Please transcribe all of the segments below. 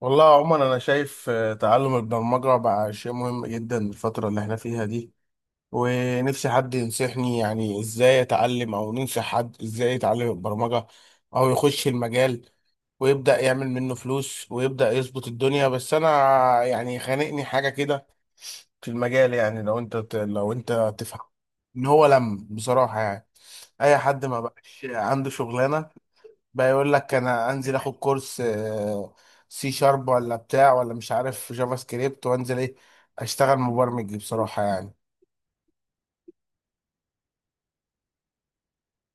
والله عموما انا شايف تعلم البرمجه بقى شيء مهم جدا الفتره اللي احنا فيها دي. ونفسي حد ينصحني، يعني ازاي اتعلم او ننصح حد ازاي يتعلم البرمجه او يخش المجال ويبدا يعمل منه فلوس ويبدا يظبط الدنيا. بس انا يعني خانقني حاجه كده في المجال. يعني لو انت لو انت تفهم ان هو لم بصراحه، يعني اي حد ما بقاش عنده شغلانه بقى يقول لك انا انزل اخد كورس سي شارب ولا بتاع ولا مش عارف جافا سكريبت، وانزل ايه اشتغل مبرمج بصراحة يعني.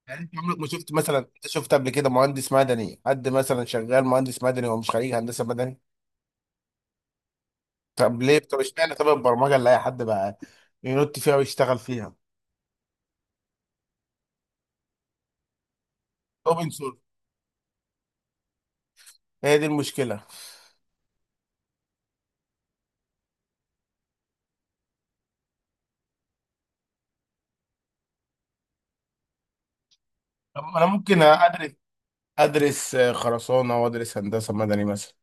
يعني انت عمرك ما شفت مثلا، انت شفت قبل كده مهندس مدني، حد مثلا شغال مهندس مدني هو مش خريج هندسة مدني؟ طب ليه؟ طب اشمعنى؟ طب البرمجة اللي اي حد بقى ينط فيها ويشتغل فيها. اوبن سورس، هي دي المشكلة. طب انا ممكن ادرس، ادرس خرسانة وادرس هندسة مدني مثلا.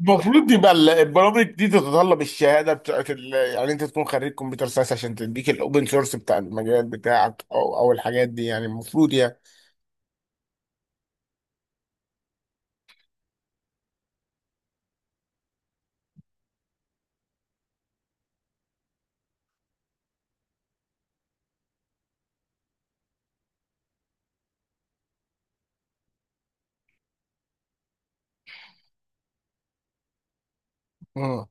المفروض يبقى البرامج دي تتطلب الشهاده بتاعت يعني انت تكون خريج كمبيوتر ساينس عشان تديك الاوبن سورس بتاع المجال بتاعك او الحاجات دي، يعني المفروض يعني. امم.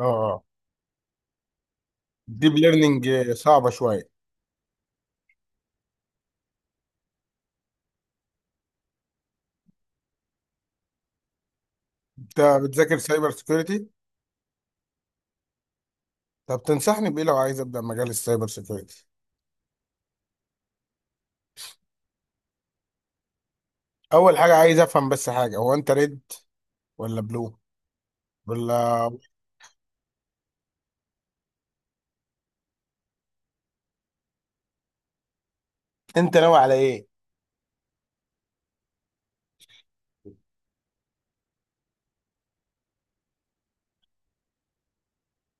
اه، الديب ليرنينج صعبه شويه. انت بتذاكر سايبر سيكيورتي؟ طب تنصحني بايه لو عايز ابدا مجال السايبر سيكيورتي؟ اول حاجه عايز افهم بس حاجه، هو انت ريد ولا بلو ولا؟ انت ناوي على ايه؟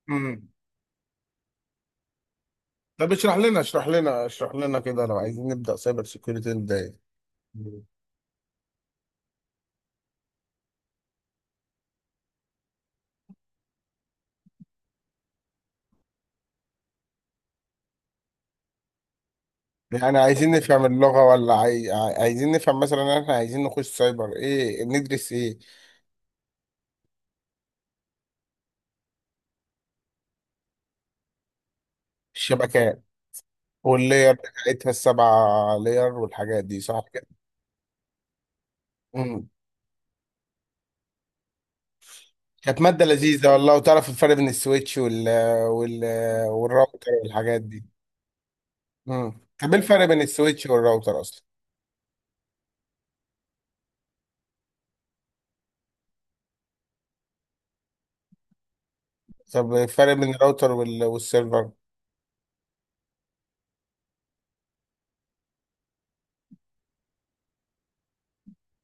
امم. طب اشرح لنا اشرح لنا اشرح لنا كده، لو عايزين نبدا سايبر سيكيورتي نبدا ايه؟ يعني عايزين نفهم اللغة، ولا عايزين نفهم مثلا إن احنا عايزين نخش سايبر ايه ندرس ايه؟ الشبكات واللير بتاعتها السبعة لير والحاجات دي، صح كده؟ امم كانت مادة لذيذة والله، وتعرف الفرق بين السويتش وال والراوتر والحاجات دي. امم طب ايه الفرق بين السويتش والراوتر اصلا؟ طب الفرق بين الراوتر والسيرفر؟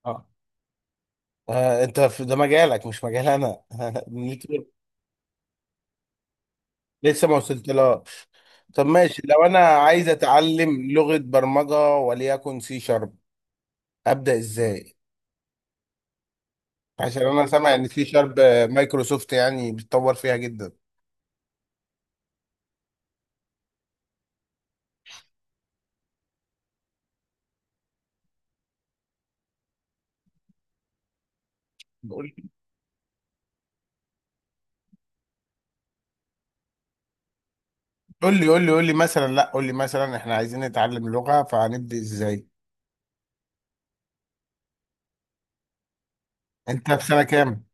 اه، انت في ده مجالك، مش مجال انا. لسه ما وصلتلهاش. طب ماشي، لو انا عايز اتعلم لغة برمجة وليكن سي شارب، ابدأ ازاي؟ عشان انا سامع ان سي شارب مايكروسوفت يعني بتطور فيها جدا. قول قول لي قول لي قول لي مثلا، لا قول لي مثلا احنا عايزين نتعلم لغة، فهنبدأ ازاي؟ انت في سنة كام؟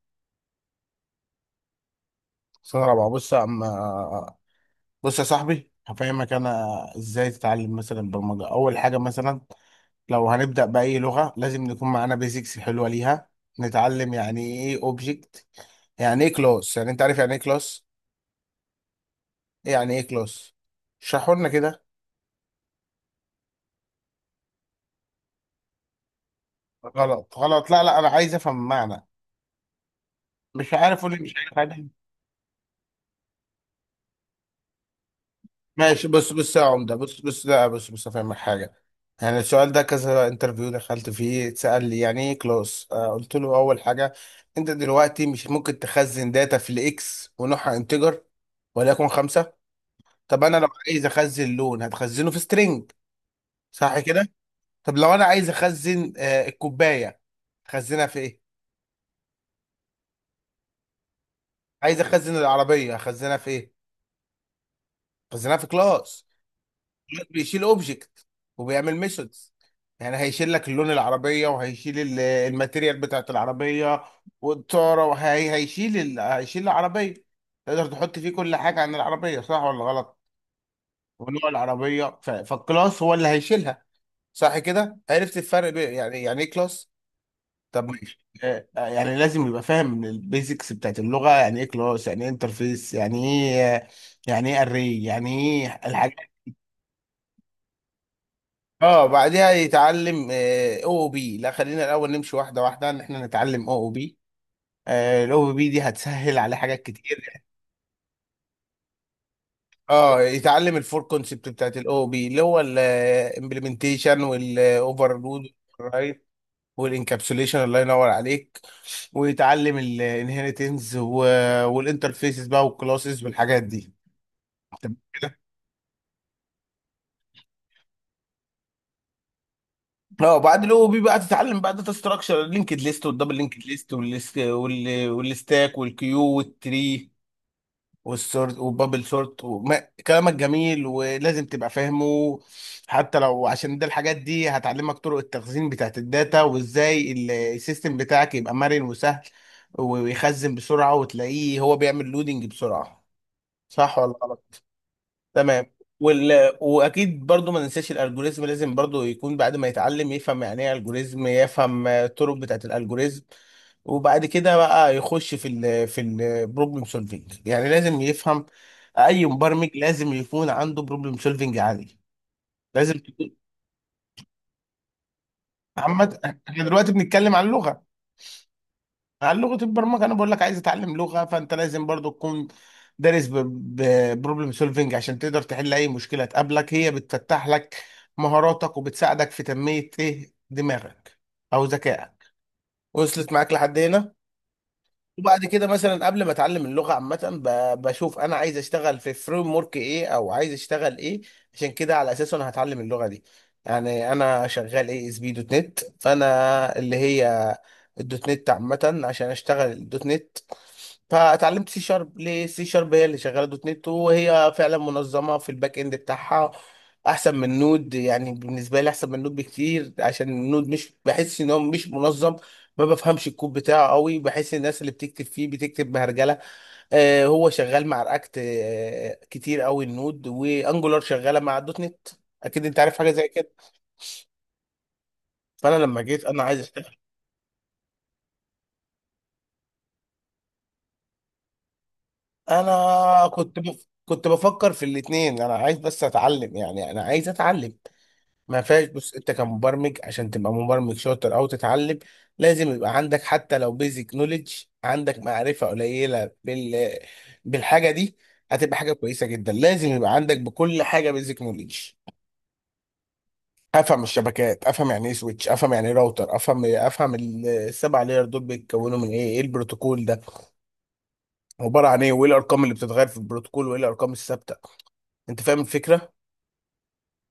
سنة رابعة. بص يا عم، بص يا صاحبي، هفهمك انا ازاي تتعلم مثلا برمجة. اول حاجة مثلا، لو هنبدأ بأي لغة لازم نكون معانا بيزكس حلوة ليها. نتعلم يعني ايه اوبجكت، يعني ايه كلاس. يعني انت عارف يعني ايه كلاس؟ يعني ايه كلاس؟ اشرحوا لنا كده. غلط غلط، لا لا، انا عايز افهم المعنى. مش عارف قول لي مش عارف، عادي. ماشي بص بص يا عمده، بص بص، لا بص بص افهمك حاجه. يعني السؤال ده كذا انترفيو دخلت فيه اتسال لي يعني ايه كلاس، قلت له اول حاجه، انت دلوقتي مش ممكن تخزن داتا في الاكس ونوعها انتجر وليكن خمسه. طب انا لو عايز اخزن لون هتخزنه في سترينج، صح كده؟ طب لو انا عايز اخزن الكوبايه، خزنها في ايه؟ عايز اخزن العربيه اخزنها في ايه؟ اخزنها في كلاس. كلاس بيشيل اوبجكت وبيعمل ميثودز. يعني هيشيل لك اللون العربيه، وهيشيل الماتيريال بتاعت العربيه والطاره، وهيشيل هيشيل العربيه. تقدر تحط فيه كل حاجه عن العربيه، صح ولا غلط؟ ونوع العربيه فالكلاس هو اللي هيشيلها. صح كده؟ عرفت الفرق بين يعني ايه كلاس؟ طب ماشي، يعني لازم يبقى فاهم البيزكس بتاعت اللغه. يعني ايه كلاس، يعني ايه انترفيس، يعني ايه، يعني ايه اري، يعني ايه الحاجات. اه، بعدها يتعلم او او بي. لا، خلينا الاول نمشي واحده واحده، ان احنا نتعلم او او بي. الاو او بي دي هتسهل على حاجات كتير يعني. اه، يتعلم الفور كونسبت بتاعت الاو او بي، اللي هو الامبلمنتيشن والاوفر لود والانكابسوليشن. الله ينور عليك. ويتعلم الانهيرتنس والانترفيسز بقى والكلاسز والحاجات دي. تمام كده. اه، وبعد الاو بي بقى تتعلم بقى داتا ستراكشر، اللينكد ليست والدبل لينكد ليست والستاك والكيو والتري والسورت وبابل سورت وما. كلامك جميل، ولازم تبقى فاهمه حتى لو، عشان ده الحاجات دي هتعلمك طرق التخزين بتاعت الداتا، وازاي السيستم بتاعك يبقى مرن وسهل، ويخزن بسرعة وتلاقيه هو بيعمل لودنج بسرعة. صح ولا غلط؟ تمام. واكيد برضو ما ننساش الالجوريزم. لازم برضو يكون بعد ما يتعلم يفهم يعني ايه الجوريزم، يفهم الطرق بتاعه الالجوريزم. وبعد كده بقى يخش في البروبلم سولفينج. يعني لازم يفهم، اي مبرمج لازم يكون عنده بروبلم سولفينج عالي. لازم تكون- محمد، احنا دلوقتي بنتكلم عن لغة، على لغة البرمجة. أنا بقول لك عايز أتعلم لغة، فأنت لازم برضو تكون دارس ببروبلم سولفنج عشان تقدر تحل أي مشكلة تقابلك. هي بتفتح لك مهاراتك، وبتساعدك في تنمية دماغك أو ذكائك. وصلت معاك لحد هنا؟ وبعد كده مثلا، قبل ما اتعلم اللغه عامه، بشوف انا عايز اشتغل في فريم ورك ايه، او عايز اشتغل ايه. عشان كده على اساسه انا هتعلم اللغه دي. يعني انا شغال اي اس بي دوت نت، فانا اللي هي الدوت نت عامه عشان اشتغل الدوت نت. فاتعلمت سي شارب، ليه سي شارب؟ هي اللي شغاله دوت نت، وهي فعلا منظمه في الباك اند بتاعها، احسن من نود يعني. بالنسبه لي احسن من نود بكتير، عشان نود مش، بحس ان هو مش منظم. ما بفهمش الكود بتاعه قوي، بحس الناس اللي بتكتب فيه بتكتب بهرجله. هو شغال مع رياكت كتير قوي النود، وانجولار شغاله مع الدوت نت. اكيد انت عارف حاجه زي كده. فانا لما جيت انا عايز أشتغل. انا كنت بفكر في الاثنين. انا عايز بس اتعلم يعني، انا عايز اتعلم، ما فيهاش. بص، انت كمبرمج عشان تبقى مبرمج شاطر او تتعلم، لازم يبقى عندك حتى لو بيزك نوليدج، عندك معرفة قليلة بالحاجة دي. هتبقى حاجة كويسة جدا. لازم يبقى عندك بكل حاجة بيزك نوليدج. افهم الشبكات، افهم يعني ايه سويتش، افهم يعني ايه راوتر، افهم السبع لاير دول بيتكونوا من ايه، ايه البروتوكول ده عبارة عن ايه، وايه الارقام اللي بتتغير في البروتوكول، وايه الارقام الثابتة. انت فاهم الفكرة؟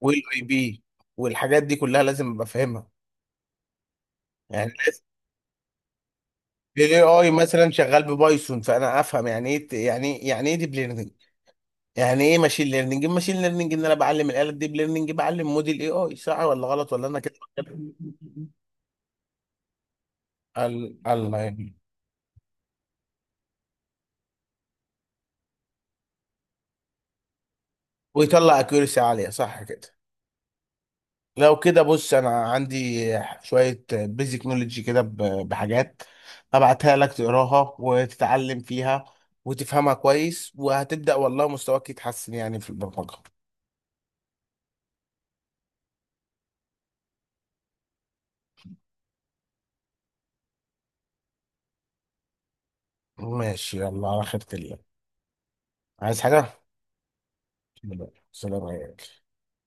وايه الاي بي والحاجات دي كلها لازم ابقى فاهمها يعني. الاي اي مثلا شغال ببايثون، فانا افهم يعني ايه يعني ايه ديب ليرنينج، يعني ايه ماشين ليرنينج. ماشين ليرنينج ان انا بعلم الاله، ديب ليرنينج بعلم موديل اي اي، صح ولا غلط، ولا انا كده بتكلم؟ الله يهديك. ويطلع اكيورسي عاليه، صح كده؟ لو كده بص، انا عندي شويه بيزك نولج كده بحاجات، ابعتها لك تقراها وتتعلم فيها وتفهمها كويس، وهتبدا والله مستواك يتحسن يعني في البرمجه. ماشي، يلا على خيرة الله. عايز حاجه؟ لا، سلام عليكم.